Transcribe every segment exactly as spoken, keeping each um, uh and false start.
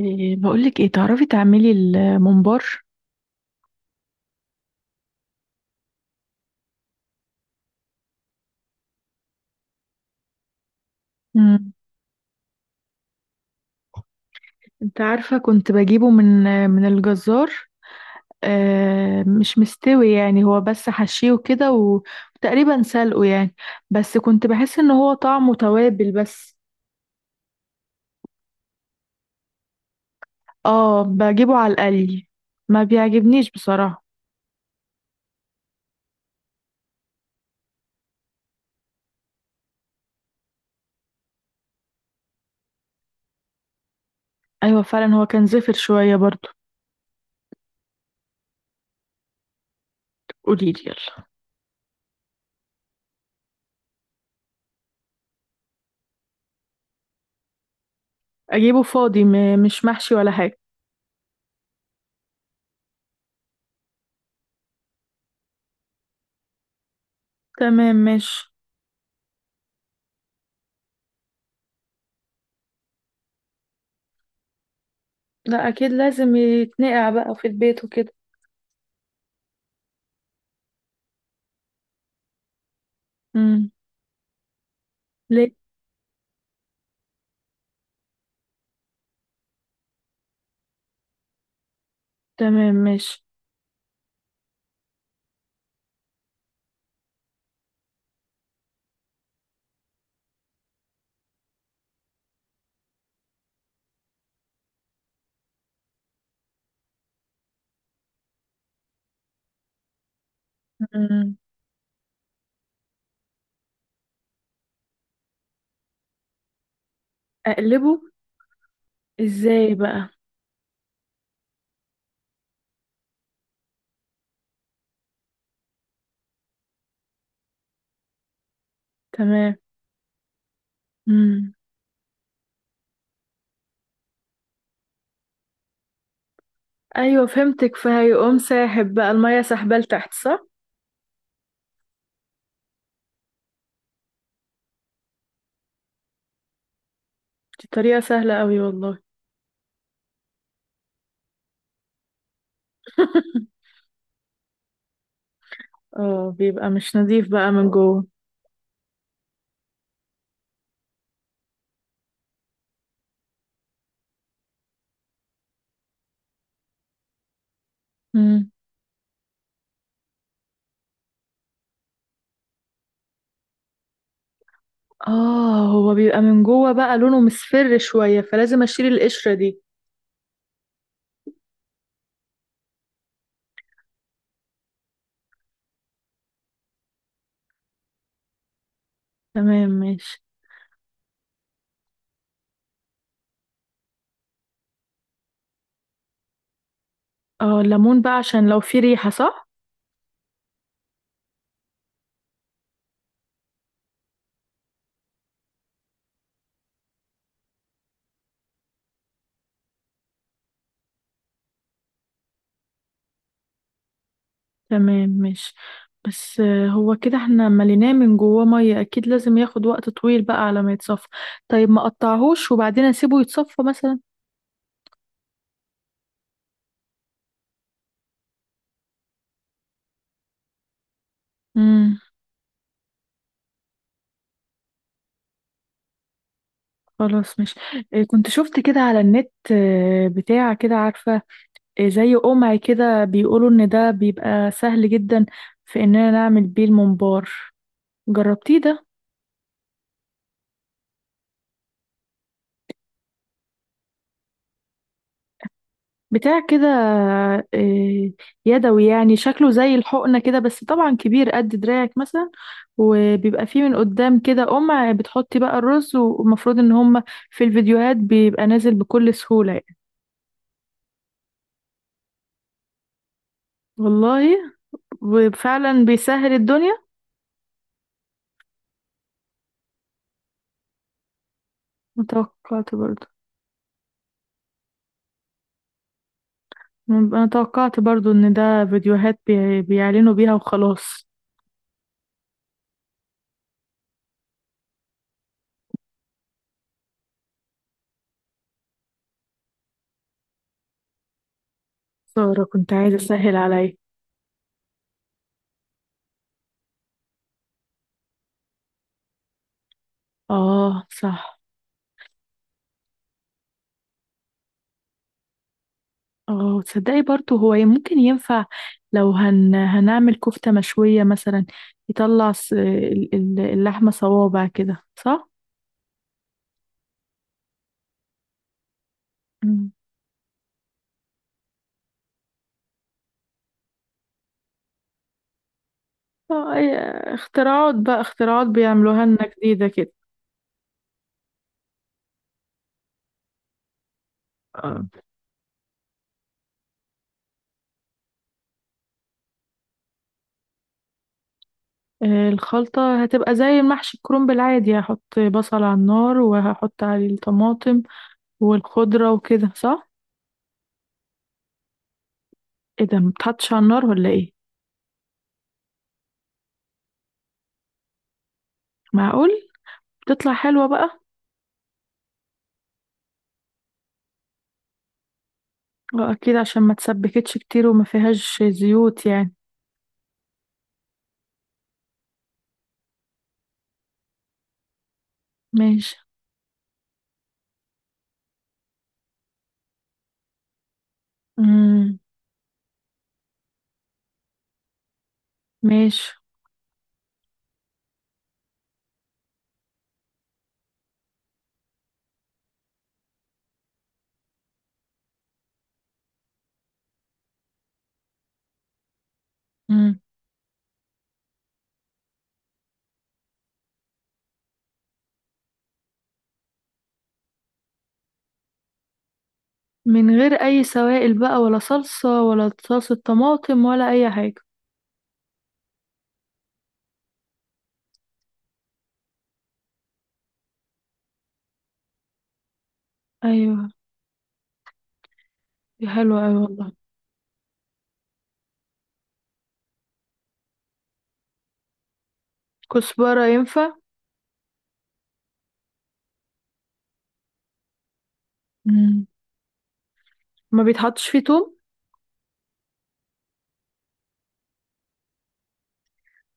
إيه، بقولك ايه، تعرفي تعملي الممبار؟ مم. انت عارفة، كنت بجيبه من من الجزار. آه، مش مستوي يعني، هو بس حشيه كده و- وتقريبا سلقه يعني. بس كنت بحس ان هو طعمه توابل بس. اه، بجيبه على القلي، ما بيعجبنيش بصراحة. ايوه، فعلا هو كان زفر شوية برضو. قوليلي يلا. اجيبه فاضي م- مش محشي ولا حاجة؟ تمام، ماشي. لا، اكيد لازم يتنقع بقى في البيت وكده. امم. تمام، ماشي. مم. اقلبه ازاي بقى؟ تمام. مم. ايوه، فهمتك، فهيقوم ساحب بقى المية سحبة لتحت، صح؟ دي طريقة سهلة قوي والله. اه، بيبقى مش نظيف بقى من جوه. مم. اه، هو بيبقى من جوه بقى لونه مصفر شوية، فلازم اشيل القشرة دي. تمام، ماشي. اه، الليمون بقى عشان لو في ريحة، صح؟ تمام، ماشي. بس آه، هو كده احنا مليناه من جواه ميه، اكيد لازم ياخد وقت طويل بقى على ما يتصفى. طيب ما اقطعهوش وبعدين اسيبه يتصفى مثلا؟ امم. خلاص، ماشي. آه، كنت شفت كده على النت، آه، بتاع كده، عارفه؟ آه، زي قمع كده، بيقولوا ان ده بيبقى سهل جدا في اننا نعمل بيه الممبار. جربتيه ده؟ بتاع كده. آه، يدوي يعني، شكله زي الحقنة كده، بس طبعا كبير قد دراعك مثلا. وبيبقى فيه من قدام كده، أم بتحطي بقى الرز، والمفروض ان هم في الفيديوهات بيبقى نازل بكل سهولة يعني. والله. وفعلا بيسهل الدنيا. متوقعت برضو. انا توقعت برضو ان ده فيديوهات بي- بيعلنوا بيها وخلاص. سارة، كنت عايزة اسهل عليا. اه، صح. اه، تصدقي برضه، هو ممكن ينفع لو هن هنعمل كفتة مشوية مثلا، يطلع ص- ال- ال- اللحمة صوابع كده، صح؟ مم. اه، اي- اختراعات بقى، اختراعات بيعملوها لنا جديدة كده. آه. آه، الخلطة هتبقى زي المحشي الكرنب العادي، هحط بصل على النار وهحط عليه الطماطم والخضرة وكده، صح؟ ايه ده، متحطش على النار ولا ايه؟ معقول؟ تطلع حلوة بقى؟ اه، اكيد عشان ما تسبكتش كتير وما فيهاش زيوت يعني. ماشي. امم. ماشي. امم. من غير اي سوائل بقى، ولا صلصة، ولا صلصة طماطم، ولا اي حاجة؟ ايوه. دي حلوة اوي والله. كزبرة ينفع؟ امم. ما بيتحطش فيه توم؟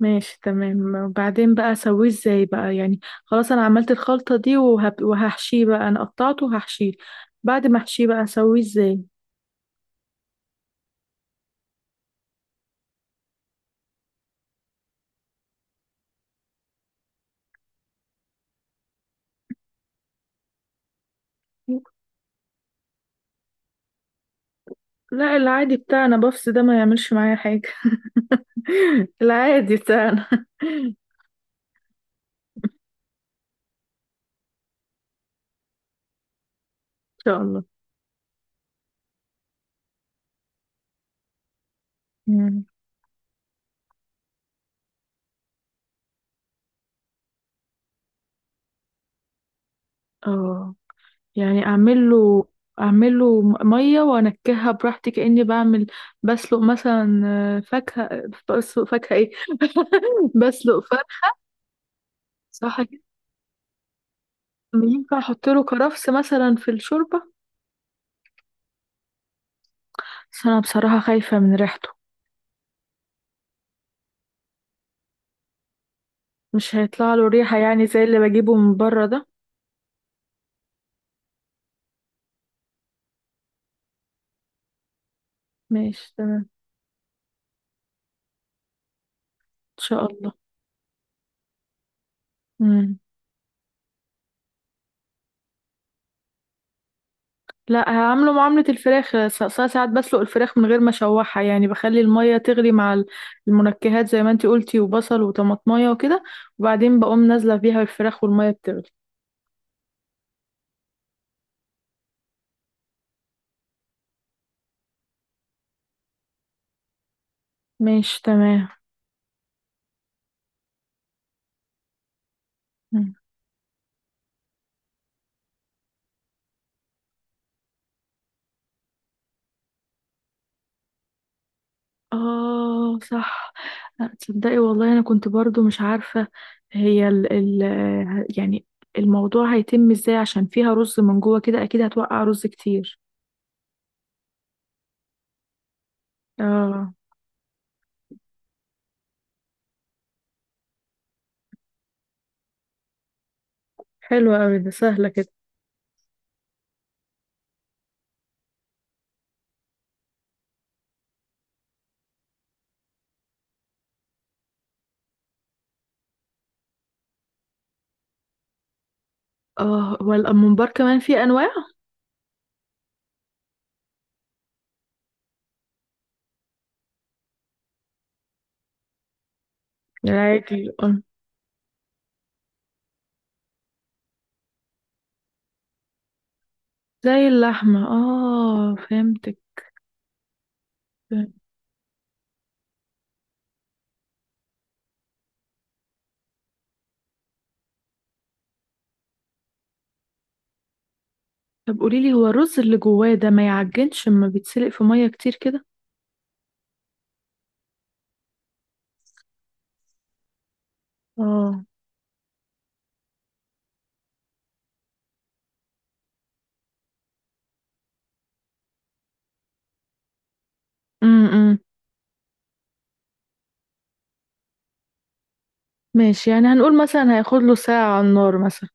ماشي، تمام. وبعدين بقى اسويه ازاي بقى يعني؟ خلاص، انا عملت الخلطة دي وهب... وهحشيه بقى، انا قطعته وهحشيه. بعد ما احشيه بقى، اسويه ازاي؟ لا، العادي بتاعنا بفس ده ما يعملش معايا حاجة. العادي بتاعنا ان شاء الله. امم. اه، يعني اعمل له اعمل له ميه وانكهها براحتي، كاني بعمل بسلق مثلا آه، فاكهه. بسلق فاكهه ايه؟ بسلق فرخ. صح كده؟ ينفع احط له كرفس مثلا في الشوربه؟ بس انا بصراحه خايفه من ريحته. مش هيطلع له ريحه يعني زي اللي بجيبه من بره ده؟ ماشي، تمام. ان شاء الله. مم. لا، هعمله معاملة الفراخ، س- س- ساعات بسلق الفراخ من غير ما اشوحها يعني، بخلي المية تغلي مع ال- المنكهات زي ما انتي قلتي، وبصل وطماطمية وكده، وبعدين بقوم نازلة بيها الفراخ والمية بتغلي. ماشي، تمام. مم. اه، صح. لا، تصدقي والله، انا كنت برضو مش عارفة هي ال ال يعني الموضوع هيتم ازاي، عشان فيها رز من جوه كده اكيد هتوقع رز كتير. اه. حلوة أوي، ده سهلة كده. اه، والممبار كمان فيه انواع. العادي. زي اللحمة، اه فهمتك. طب قوليلي، هو الرز اللي جواه ده ما يعجنش اما بيتسلق في مية كتير كده؟ اه. امم. ماشي، يعني هنقول مثلا هياخد له ساعة على النار مثلا.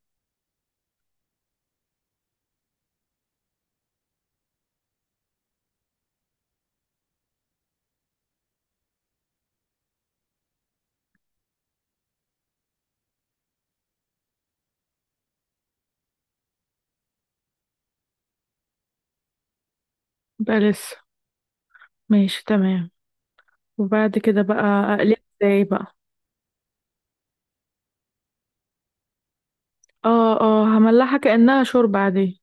بقى لسه. ماشي، تمام. وبعد كده بقى اقلب ازاي بقى؟ اه، اه، هملحها كأنها شوربة عادية.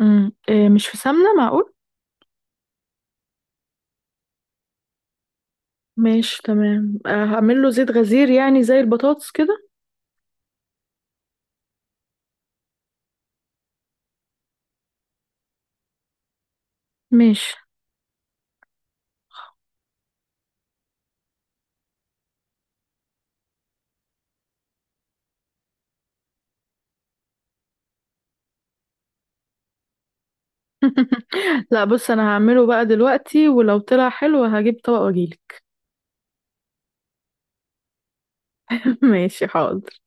امم إيه؟ مش في سمنة، معقول؟ ماشي، تمام. آه، هعمل له زيت غزير يعني زي البطاطس كده. ماشي. لا، بص، انا هعمله بقى دلوقتي، ولو طلع حلو هجيب طبق واجيلك. ماشي، حاضر.